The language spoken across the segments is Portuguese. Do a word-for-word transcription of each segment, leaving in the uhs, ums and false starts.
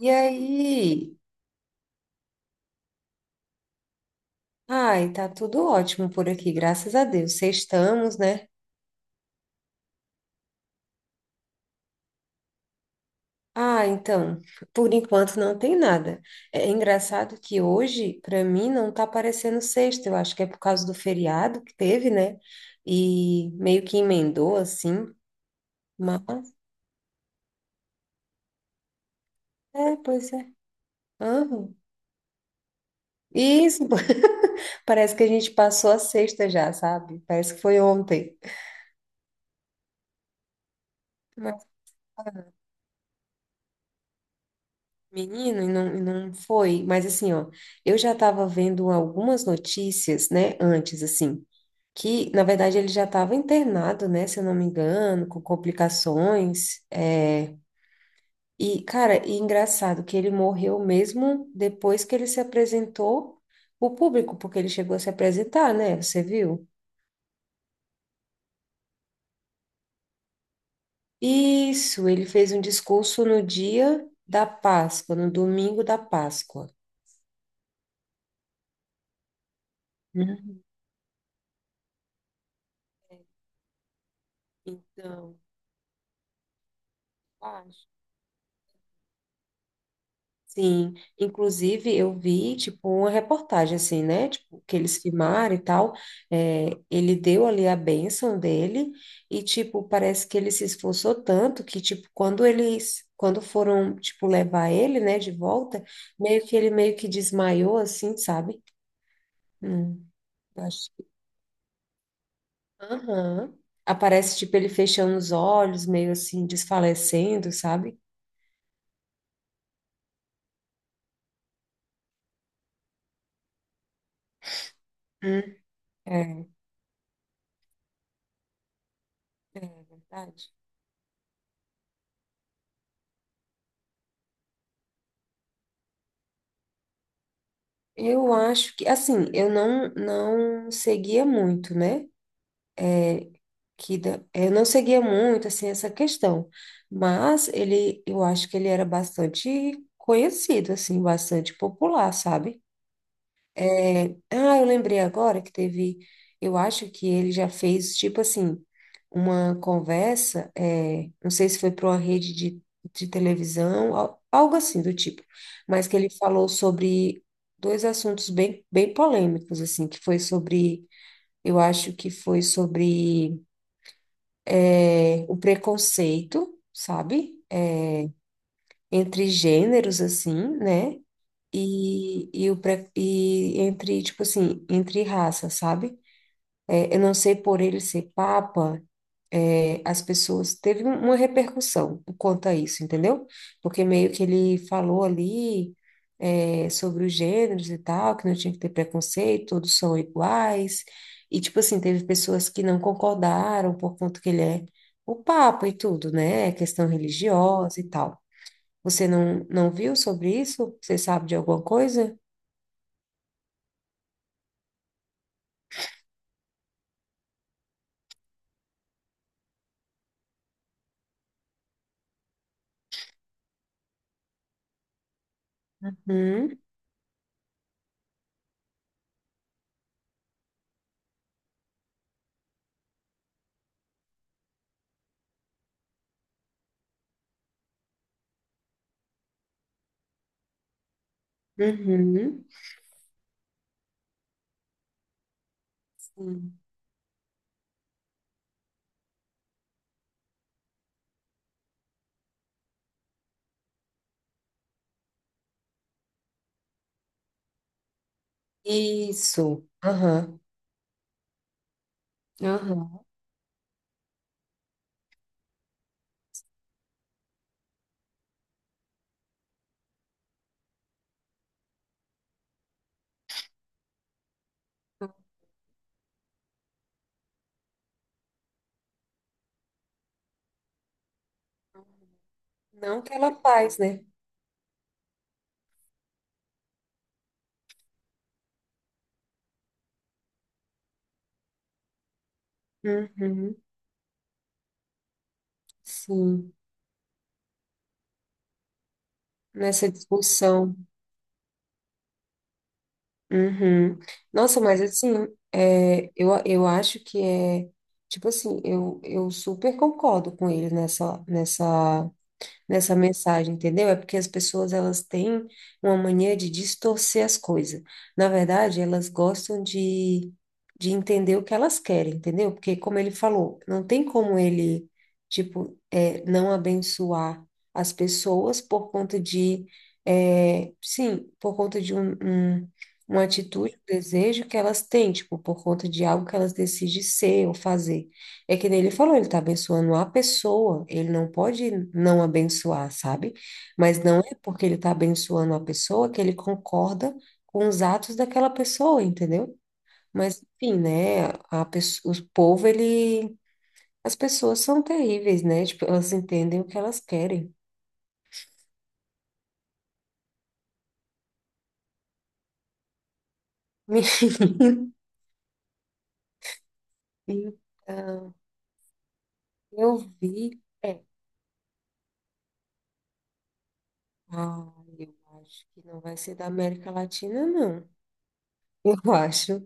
E aí? Ai, tá tudo ótimo por aqui, graças a Deus. Sextamos, né? Ah, então, por enquanto não tem nada. É é engraçado que hoje, para mim, não tá parecendo sexta. Eu acho que é por causa do feriado que teve, né? E meio que emendou assim, mas é, pois é. Aham. Isso, parece que a gente passou a sexta já, sabe? Parece que foi ontem. Menino, e não, e não foi, mas assim, ó, eu já estava vendo algumas notícias, né, antes, assim, que, na verdade, ele já estava internado, né, se eu não me engano, com complicações, é, e, cara, e engraçado que ele morreu mesmo depois que ele se apresentou o público, porque ele chegou a se apresentar, né, você viu? Isso, ele fez um discurso no dia da Páscoa, no domingo da Páscoa. Uhum. Então, acho. Sim, inclusive eu vi, tipo, uma reportagem assim, né, tipo, que eles filmaram e tal, é, ele deu ali a bênção dele e, tipo, parece que ele se esforçou tanto que, tipo, quando eles, quando foram, tipo, levar ele, né, de volta, meio que ele meio que desmaiou, assim, sabe? Hum, acho que... Aham. Aparece, tipo, ele fechando os olhos, meio assim, desfalecendo, sabe? Hum, é, é verdade. Eu acho que, assim, eu não, não seguia muito, né? Que da- eu não seguia muito, assim, essa questão. Mas ele, eu acho que ele era bastante conhecido, assim, bastante popular, sabe? É, ah, eu lembrei agora que teve. Eu acho que ele já fez, tipo assim, uma conversa. É, não sei se foi para uma rede de, de televisão, al- algo assim do tipo. Mas que ele falou sobre dois assuntos bem, bem polêmicos, assim, que foi sobre. Eu acho que foi sobre é, o preconceito, sabe? É, entre gêneros, assim, né? E, e, o pre, e entre, tipo assim, entre raças, sabe? É, eu não sei por ele ser papa, eh, as pessoas teve um, uma repercussão quanto a isso, entendeu? Porque meio que ele falou ali eh, sobre os gêneros e tal, que não tinha que ter preconceito, todos são iguais. E tipo assim, teve pessoas que não concordaram por conta que ele é o papa e tudo, né? Questão religiosa e tal. Você não, não viu sobre isso? Você sabe de alguma coisa? Uhum, uhum. Sim. Isso. Aham. Aham. Não que ela faz, né? Uhum, sim, nessa discussão. Uhum. Nossa, mas assim, é, eu, eu acho que é, tipo assim, eu, eu super concordo com ele nessa, nessa nessa mensagem, entendeu? É porque as pessoas elas têm uma mania de distorcer as coisas. Na verdade, elas gostam de, de entender o que elas querem, entendeu? Porque, como ele falou, não tem como ele, tipo, é, não abençoar as pessoas por conta de, é, sim, por conta de um, um- uma atitude, um desejo que elas têm, tipo, por conta de algo que elas decidem ser ou fazer. É que nem ele falou, ele está abençoando a pessoa, ele não pode não abençoar, sabe? Mas não é porque ele está abençoando a pessoa que ele concorda com os atos daquela pessoa, entendeu? Mas, enfim, né? A pessoa, o povo, ele. As pessoas são terríveis, né? Tipo, elas entendem o que elas querem. Então, eu vi. É, ah, eu acho que não vai ser da América Latina, não. Eu acho.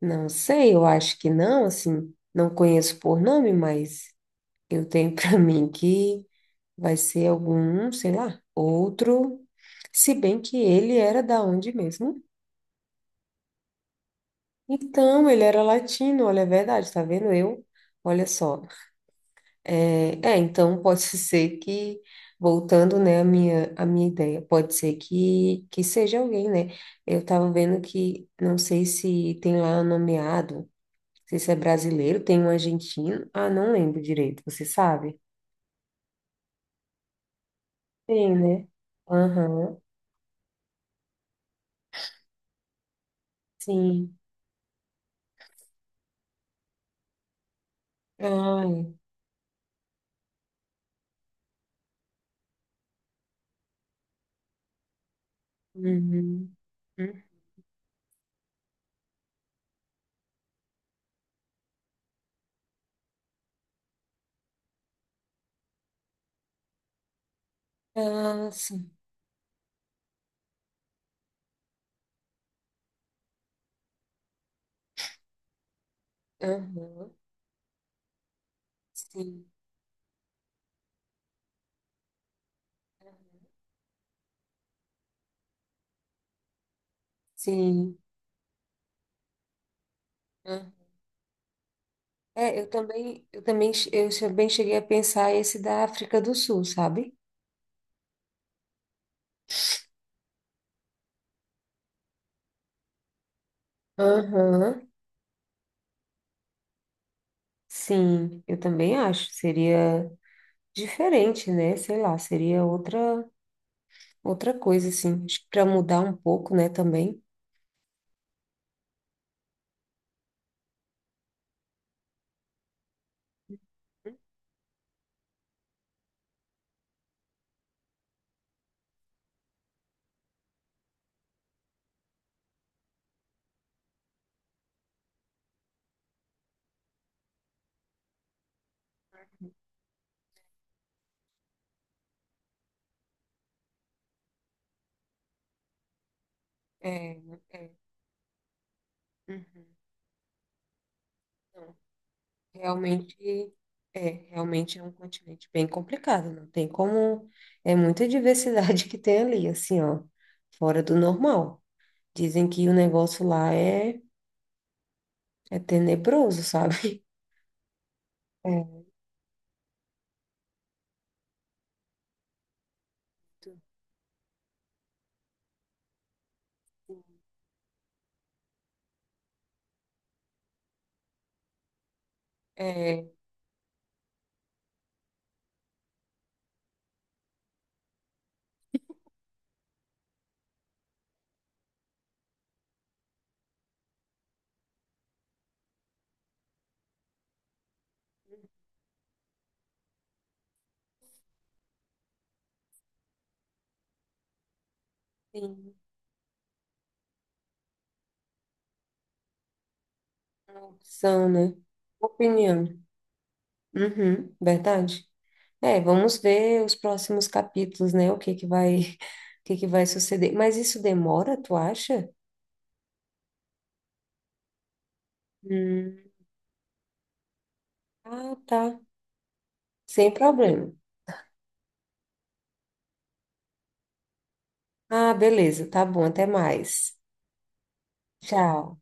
Não sei, eu acho que não, assim, não conheço por nome, mas eu tenho para mim que vai ser algum, sei lá, outro. Se bem que ele era da onde mesmo? Então, ele era latino, olha, é verdade, tá vendo? Eu, olha só. É, é, então pode ser que, voltando, né, a minha, a minha ideia, pode ser que, que seja alguém, né? Eu tava vendo que, não sei se tem lá nomeado sei se é brasileiro, tem um argentino. Ah, não lembro direito, você sabe? Tem, né? Aham, sim. Ai, uhum. Hum. Ah, sim. Aham, sim. Sim. Aham. É, eu também, eu também, che- eu também cheguei a pensar esse da África do Sul, sabe? Aham, sim, eu também acho. Seria diferente, né? Sei lá, seria outra outra coisa, assim. Acho que para mudar um pouco, né, também. É, é. Uhum. Não, realmente é, realmente é um continente bem complicado, não tem como, é muita diversidade que tem ali, assim, ó, fora do normal. Dizem que o negócio lá é, é tenebroso, sabe? É, é, sim, uma opção, né? Opinião. Uhum, verdade. É, vamos ver os próximos capítulos, né? O que que vai, o que que vai suceder. Mas isso demora, tu acha? Hum. Ah, tá. Sem problema. Ah, beleza, tá bom, até mais. Tchau.